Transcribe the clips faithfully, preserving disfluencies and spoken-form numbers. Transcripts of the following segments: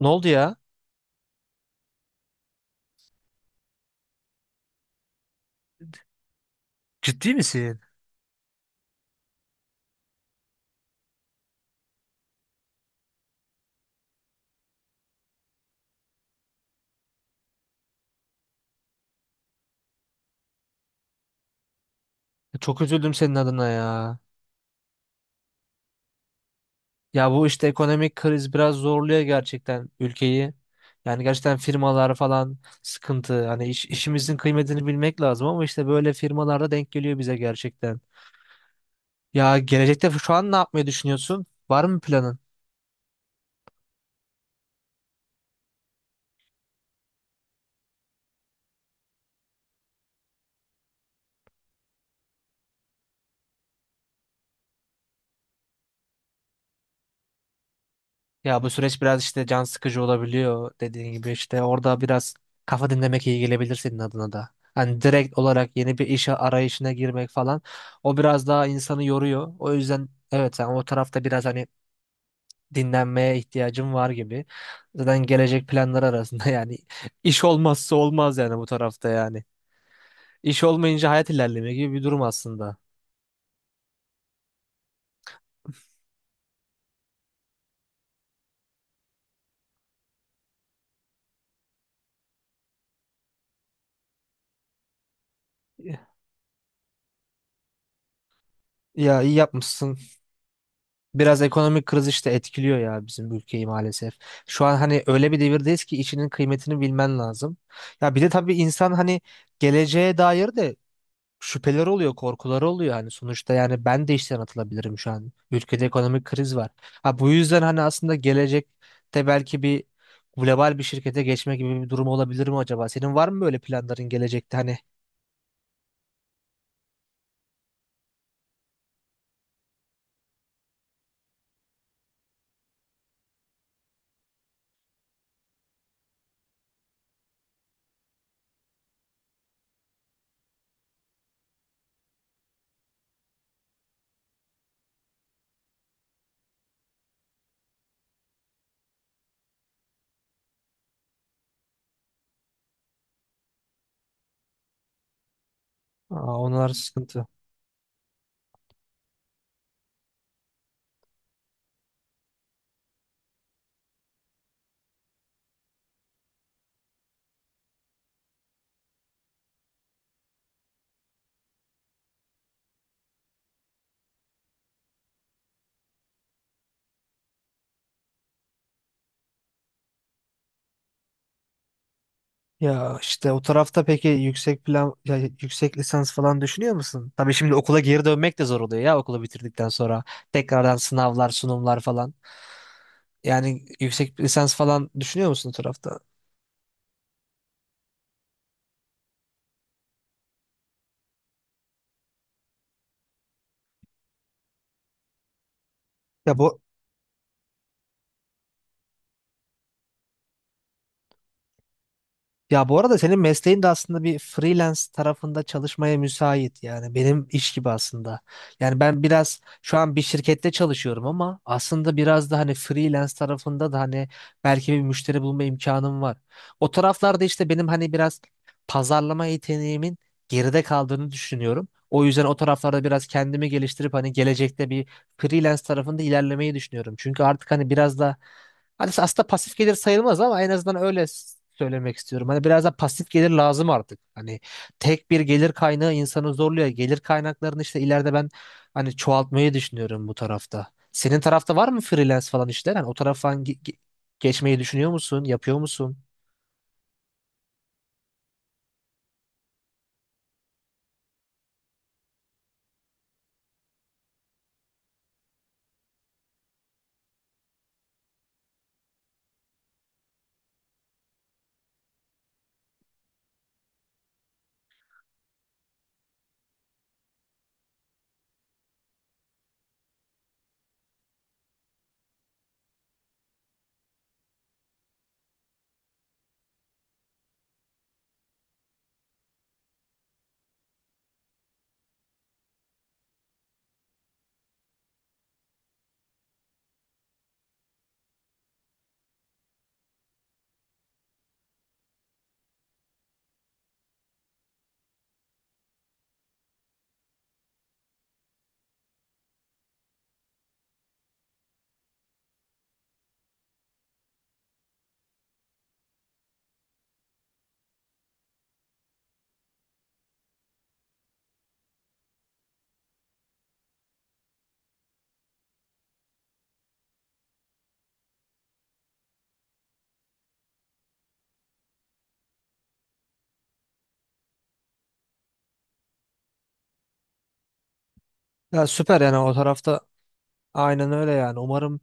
Ne oldu ya? Ciddi misin? Çok üzüldüm senin adına ya. Ya bu işte ekonomik kriz biraz zorluyor gerçekten ülkeyi. Yani gerçekten firmalar falan sıkıntı. Hani iş- işimizin kıymetini bilmek lazım ama işte böyle firmalarda denk geliyor bize gerçekten. Ya gelecekte şu an ne yapmayı düşünüyorsun? Var mı planın? Ya bu süreç biraz işte can sıkıcı olabiliyor dediğin gibi işte orada biraz kafa dinlemek iyi gelebilir senin adına da. Hani direkt olarak yeni bir işe arayışına girmek falan o biraz daha insanı yoruyor. O yüzden evet, sen o tarafta biraz hani dinlenmeye ihtiyacın var gibi. Zaten gelecek planlar arasında yani iş olmazsa olmaz yani bu tarafta yani. İş olmayınca hayat ilerlemiyor gibi bir durum aslında. Ya iyi yapmışsın. Biraz ekonomik kriz işte etkiliyor ya bizim ülkeyi maalesef. Şu an hani öyle bir devirdeyiz ki işinin kıymetini bilmen lazım. Ya bir de tabii insan hani geleceğe dair de şüpheler oluyor, korkuları oluyor hani sonuçta yani ben de işten atılabilirim şu an. Ülkede ekonomik kriz var. Ha bu yüzden hani aslında gelecekte belki bir global bir şirkete geçme gibi bir durum olabilir mi acaba? Senin var mı böyle planların gelecekte hani? Aa, onlar sıkıntı. Ya işte o tarafta peki yüksek plan ya yüksek lisans falan düşünüyor musun? Tabii şimdi okula geri dönmek de zor oluyor ya okulu bitirdikten sonra. Tekrardan sınavlar, sunumlar falan. Yani yüksek lisans falan düşünüyor musun o tarafta? Ya bu Ya bu arada senin mesleğin de aslında bir freelance tarafında çalışmaya müsait yani benim iş gibi aslında. Yani ben biraz şu an bir şirkette çalışıyorum ama aslında biraz da hani freelance tarafında da hani belki bir müşteri bulma imkanım var. O taraflarda işte benim hani biraz pazarlama yeteneğimin geride kaldığını düşünüyorum. O yüzden o taraflarda biraz kendimi geliştirip hani gelecekte bir freelance tarafında ilerlemeyi düşünüyorum. Çünkü artık hani biraz da hani aslında pasif gelir sayılmaz ama en azından öyle s- söylemek istiyorum. Hani biraz da pasif gelir lazım artık. Hani tek bir gelir kaynağı insanı zorluyor. Gelir kaynaklarını işte ileride ben hani çoğaltmayı düşünüyorum bu tarafta. Senin tarafta var mı freelance falan işler? Hani o taraftan ge- ge- geçmeyi düşünüyor musun? Yapıyor musun? Ya süper yani o tarafta aynen öyle yani. Umarım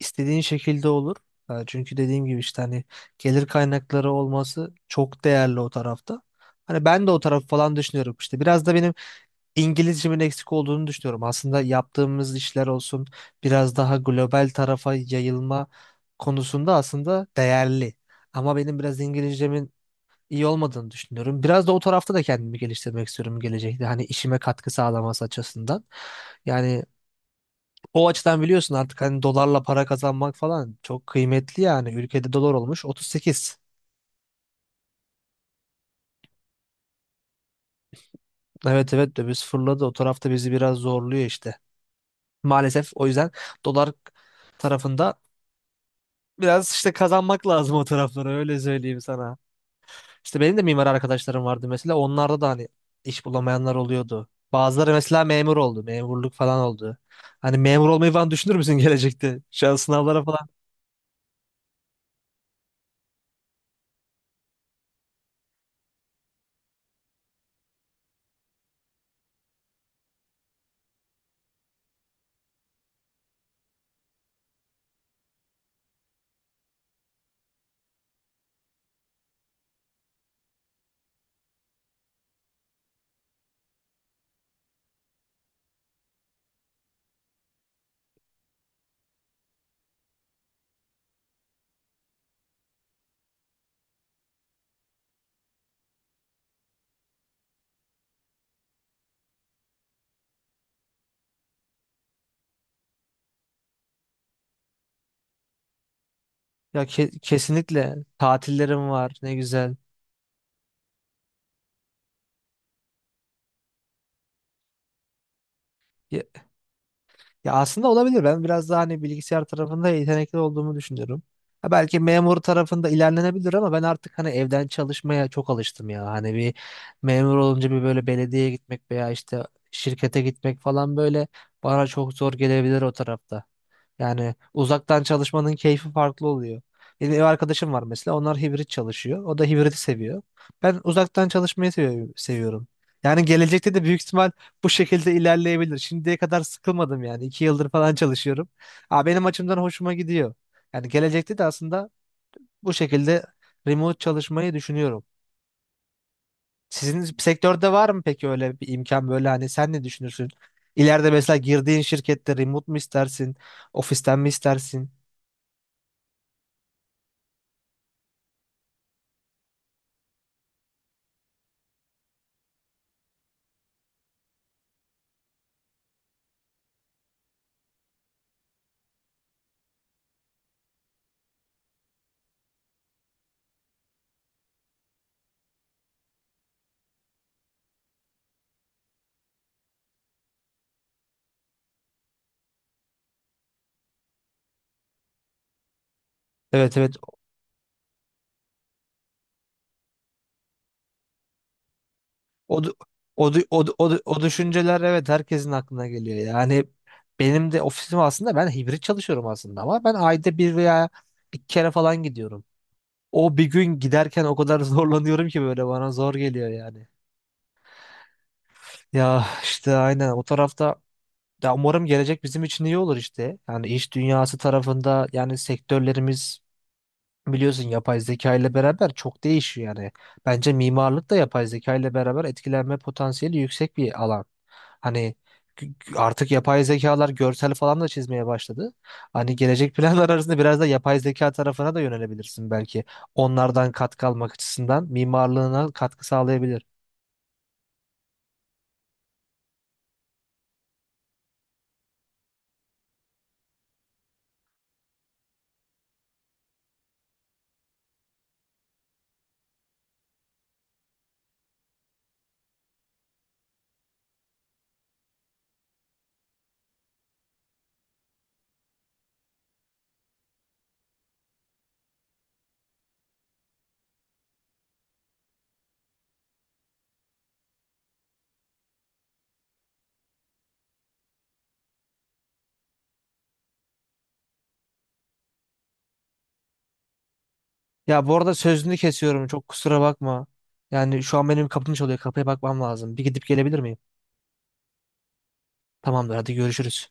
istediğin şekilde olur. Ha, çünkü dediğim gibi işte hani gelir kaynakları olması çok değerli o tarafta. Hani ben de o tarafı falan düşünüyorum. İşte biraz da benim İngilizcemin eksik olduğunu düşünüyorum. Aslında yaptığımız işler olsun biraz daha global tarafa yayılma konusunda aslında değerli. Ama benim biraz İngilizcemin iyi olmadığını düşünüyorum. Biraz da o tarafta da kendimi geliştirmek istiyorum gelecekte. Hani işime katkı sağlaması açısından. Yani o açıdan biliyorsun artık hani dolarla para kazanmak falan çok kıymetli yani. Ülkede dolar olmuş otuz sekiz. Evet, evet, döviz fırladı. O tarafta bizi biraz zorluyor işte. Maalesef o yüzden dolar tarafında biraz işte kazanmak lazım o taraflara öyle söyleyeyim sana. İşte benim de mimar arkadaşlarım vardı mesela onlarda da hani iş bulamayanlar oluyordu. Bazıları mesela memur oldu, memurluk falan oldu. Hani memur olmayı falan düşünür müsün gelecekte? Şu an sınavlara falan. Ya ke- kesinlikle tatillerim var ne güzel. Ya aslında olabilir. Ben biraz daha hani bilgisayar tarafında yetenekli olduğumu düşünüyorum. Ha belki memur tarafında ilerlenebilir ama ben artık hani evden çalışmaya çok alıştım ya. Hani bir memur olunca bir böyle belediyeye gitmek veya işte şirkete gitmek falan böyle bana çok zor gelebilir o tarafta. Yani uzaktan çalışmanın keyfi farklı oluyor. Benim ev arkadaşım var mesela. Onlar hibrit çalışıyor. O da hibriti seviyor. Ben uzaktan çalışmayı seviyorum. Seviyorum. Yani gelecekte de büyük ihtimal bu şekilde ilerleyebilir. Şimdiye kadar sıkılmadım yani. iki yıldır falan çalışıyorum. Aa, benim açımdan hoşuma gidiyor. Yani gelecekte de aslında bu şekilde remote çalışmayı düşünüyorum. Sizin sektörde var mı peki öyle bir imkan böyle hani sen ne düşünürsün? İleride mesela girdiğin şirkette remote mu istersin? Ofisten mi istersin? Evet, evet. O, du- o, du- o, du- o, du- O düşünceler evet herkesin aklına geliyor. Yani benim de ofisim aslında ben hibrit çalışıyorum aslında ama ben ayda bir veya iki kere falan gidiyorum. O bir gün giderken o kadar zorlanıyorum ki böyle bana zor geliyor yani. Ya işte aynen o tarafta ya umarım gelecek bizim için iyi olur işte. Yani iş dünyası tarafında yani sektörlerimiz biliyorsun yapay zeka ile beraber çok değişiyor yani. Bence mimarlık da yapay zeka ile beraber etkilenme potansiyeli yüksek bir alan. Hani g- g- artık yapay zekalar görsel falan da çizmeye başladı. Hani gelecek planlar arasında biraz da yapay zeka tarafına da yönelebilirsin belki. Onlardan katkı almak açısından mimarlığına katkı sağlayabilir. Ya bu arada sözünü kesiyorum çok kusura bakma. Yani şu an benim kapım çalıyor kapıya bakmam lazım. Bir gidip gelebilir miyim? Tamamdır, hadi görüşürüz.